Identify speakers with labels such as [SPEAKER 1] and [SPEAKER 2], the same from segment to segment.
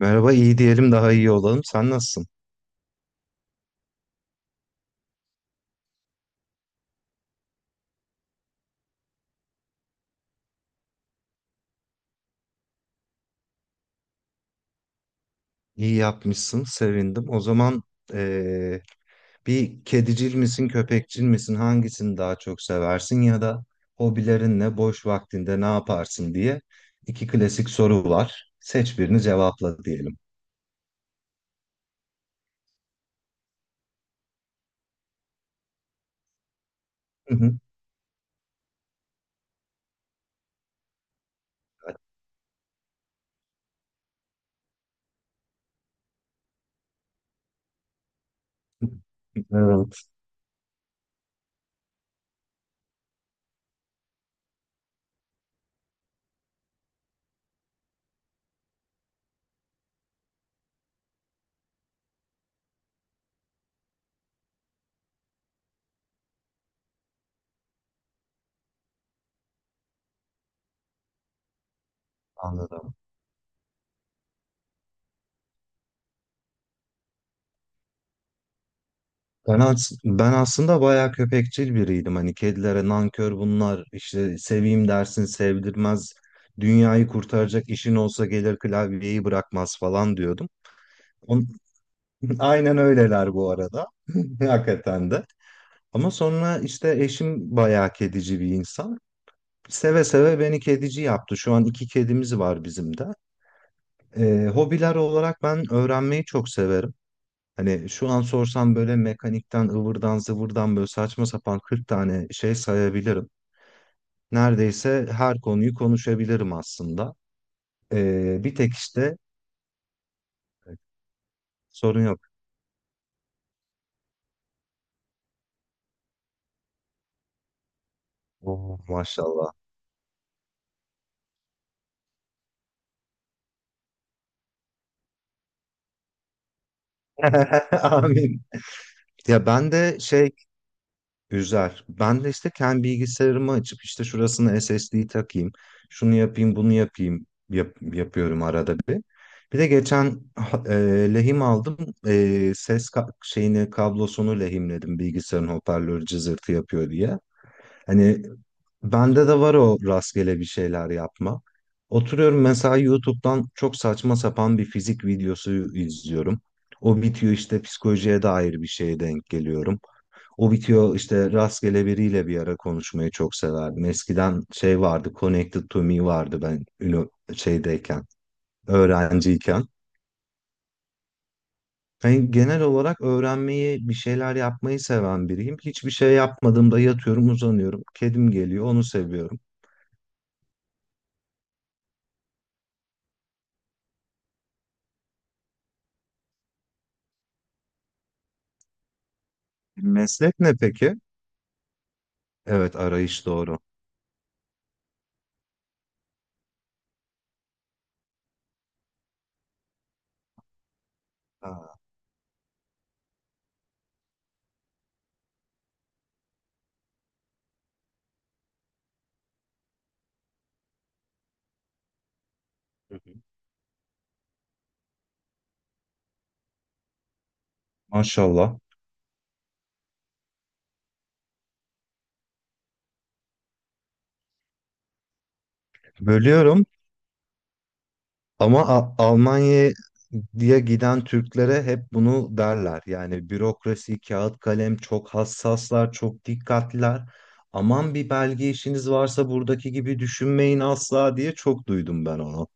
[SPEAKER 1] Merhaba, iyi diyelim daha iyi olalım. Sen nasılsın? İyi yapmışsın, sevindim. O zaman eee, bir kedicil misin, köpekçil misin? Hangisini daha çok seversin ya da hobilerin ne, boş vaktinde ne yaparsın diye iki klasik soru var. Seç birini cevapla diyelim. Evet, anladım. Ben aslında bayağı köpekçil biriydim. Hani kedilere nankör bunlar, işte seveyim dersin sevdirmez. Dünyayı kurtaracak işin olsa gelir klavyeyi bırakmaz falan diyordum. On- Aynen öyleler bu arada. Hakikaten de. Ama sonra işte eşim bayağı kedici bir insan. Seve seve beni kedici yaptı. Şu an iki kedimiz var bizim de. Hobiler olarak ben öğrenmeyi çok severim. Hani şu an sorsam böyle mekanikten, ıvırdan, zıvırdan böyle saçma sapan 40 tane şey sayabilirim. Neredeyse her konuyu konuşabilirim aslında. Bir tek işte sorun yok. Oo, maşallah. Amin. Ya ben de şey Üzer. Ben de işte kendi bilgisayarımı açıp işte şurasına SSD takayım, şunu yapayım, bunu yapayım yapıyorum arada bir. Bir de geçen lehim aldım. E, ses ka- şeyini Kablosunu lehimledim, bilgisayarın hoparlörü cızırtı yapıyor diye. Hani bende de var o rastgele bir şeyler yapma. Oturuyorum mesela YouTube'dan çok saçma sapan bir fizik videosu izliyorum. O bitiyor, işte psikolojiye dair bir şeye denk geliyorum. O bitiyor, işte rastgele biriyle bir ara konuşmayı çok severdim. Eskiden şey vardı, Connected to Me vardı, şeydeyken, öğrenciyken. Hani genel olarak öğrenmeyi, bir şeyler yapmayı seven biriyim. Hiçbir şey yapmadığımda yatıyorum, uzanıyorum. Kedim geliyor, onu seviyorum. Meslek ne peki? Evet, arayış doğru. Ha, hı hı, maşallah. Bölüyorum ama Almanya'ya giden Türklere hep bunu derler. Yani bürokrasi, kağıt kalem, çok hassaslar, çok dikkatliler. Aman bir belge işiniz varsa buradaki gibi düşünmeyin asla diye çok duydum ben onu.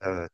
[SPEAKER 1] Evet.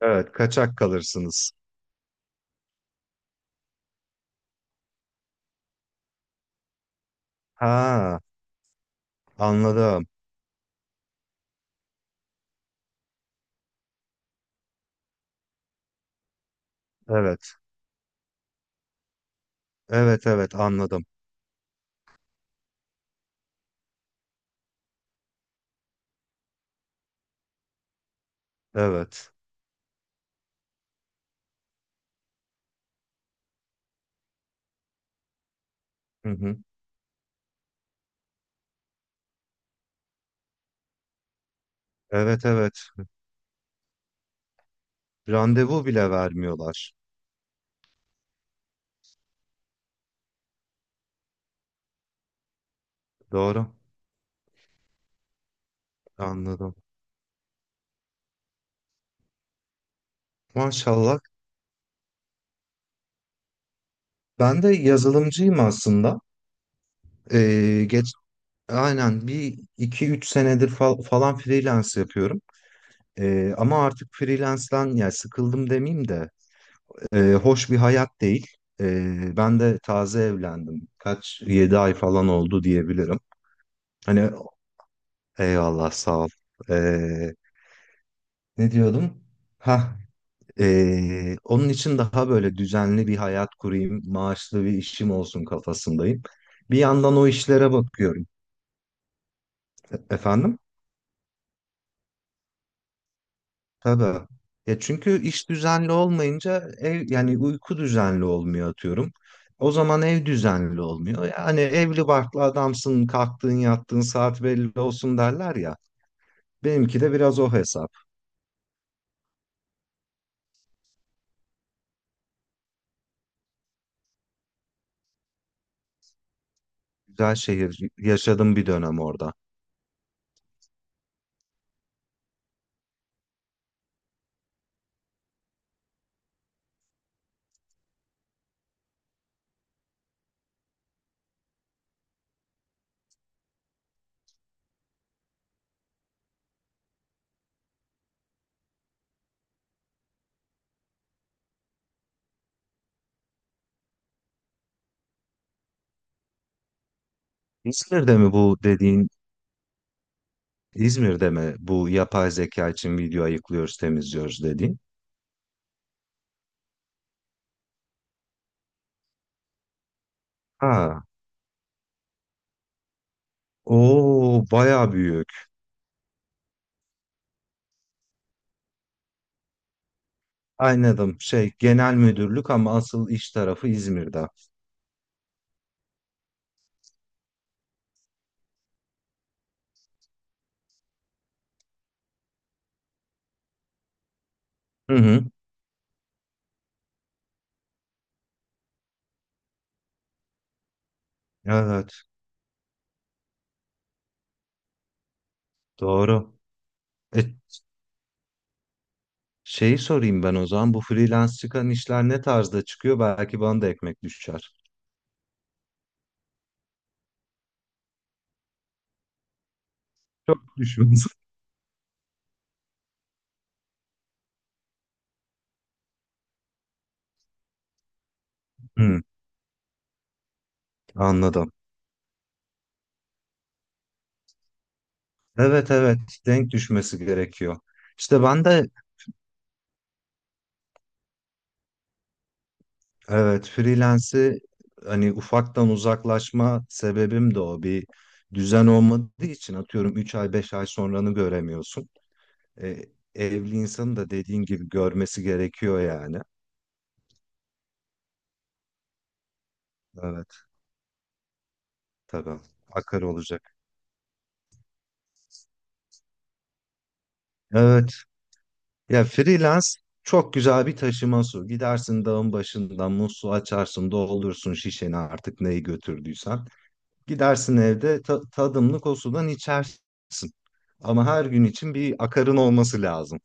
[SPEAKER 1] Evet, kaçak kalırsınız. Ha, anladım. Evet. Evet, evet, anladım. Evet. Hı hı. Evet, evet. Randevu bile vermiyorlar. Doğru. Anladım. Maşallah. Ben de yazılımcıyım aslında. Ee, geç, aynen bir iki üç senedir falan freelance yapıyorum. Ama artık freelance'den yani sıkıldım demeyeyim de hoş bir hayat değil. Ben de taze evlendim. Kaç, yedi ay falan oldu diyebilirim. Hani eyvallah, sağ ol. Ee, Ne diyordum? Ha. Onun için daha böyle düzenli bir hayat kurayım, maaşlı bir işim olsun kafasındayım. Bir yandan o işlere bakıyorum. Efendim? Tabii. Ya çünkü iş düzenli olmayınca ev, yani uyku düzenli olmuyor atıyorum. O zaman ev düzenli olmuyor. Yani evli barklı adamsın, kalktığın yattığın saat belli olsun derler ya. Benimki de biraz o hesap. Güzel şehir. Yaşadım bir dönem orada. İzmir'de mi bu dediğin, İzmir'de mi bu yapay zeka için video ayıklıyoruz, temizliyoruz dediğin? Ha, o bayağı büyük. Anladım. Şey, genel müdürlük ama asıl iş tarafı İzmir'de. Hı hı. Evet, doğru. E, Şeyi sorayım ben o zaman, bu freelance çıkan işler ne tarzda çıkıyor? Belki bana da ekmek düşer. Çok düşmez. Hı, anladım. Evet, evet, denk düşmesi gerekiyor. İşte ben de evet, freelance'i hani ufaktan uzaklaşma sebebim de o. Bir düzen olmadığı için atıyorum 3 ay 5 ay sonranı göremiyorsun. E, Evli insanın da dediğin gibi görmesi gerekiyor yani. Evet, tabii, akar olacak. Evet. Ya freelance çok güzel bir taşıma su. Gidersin dağın başından musluğu açarsın, doldursun şişeni artık neyi götürdüysen. Gidersin evde tadımlık o sudan içersin. Ama her gün için bir akarın olması lazım.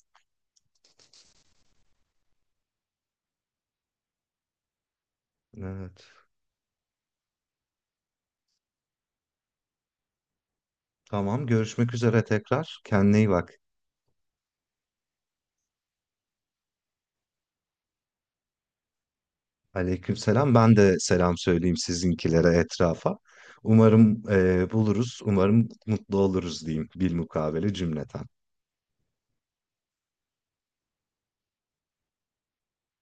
[SPEAKER 1] Evet. Tamam, görüşmek üzere tekrar. Kendine iyi bak. Aleykümselam. Ben de selam söyleyeyim sizinkilere, etrafa. Umarım buluruz, umarım mutlu oluruz diyeyim, bilmukabele cümleten.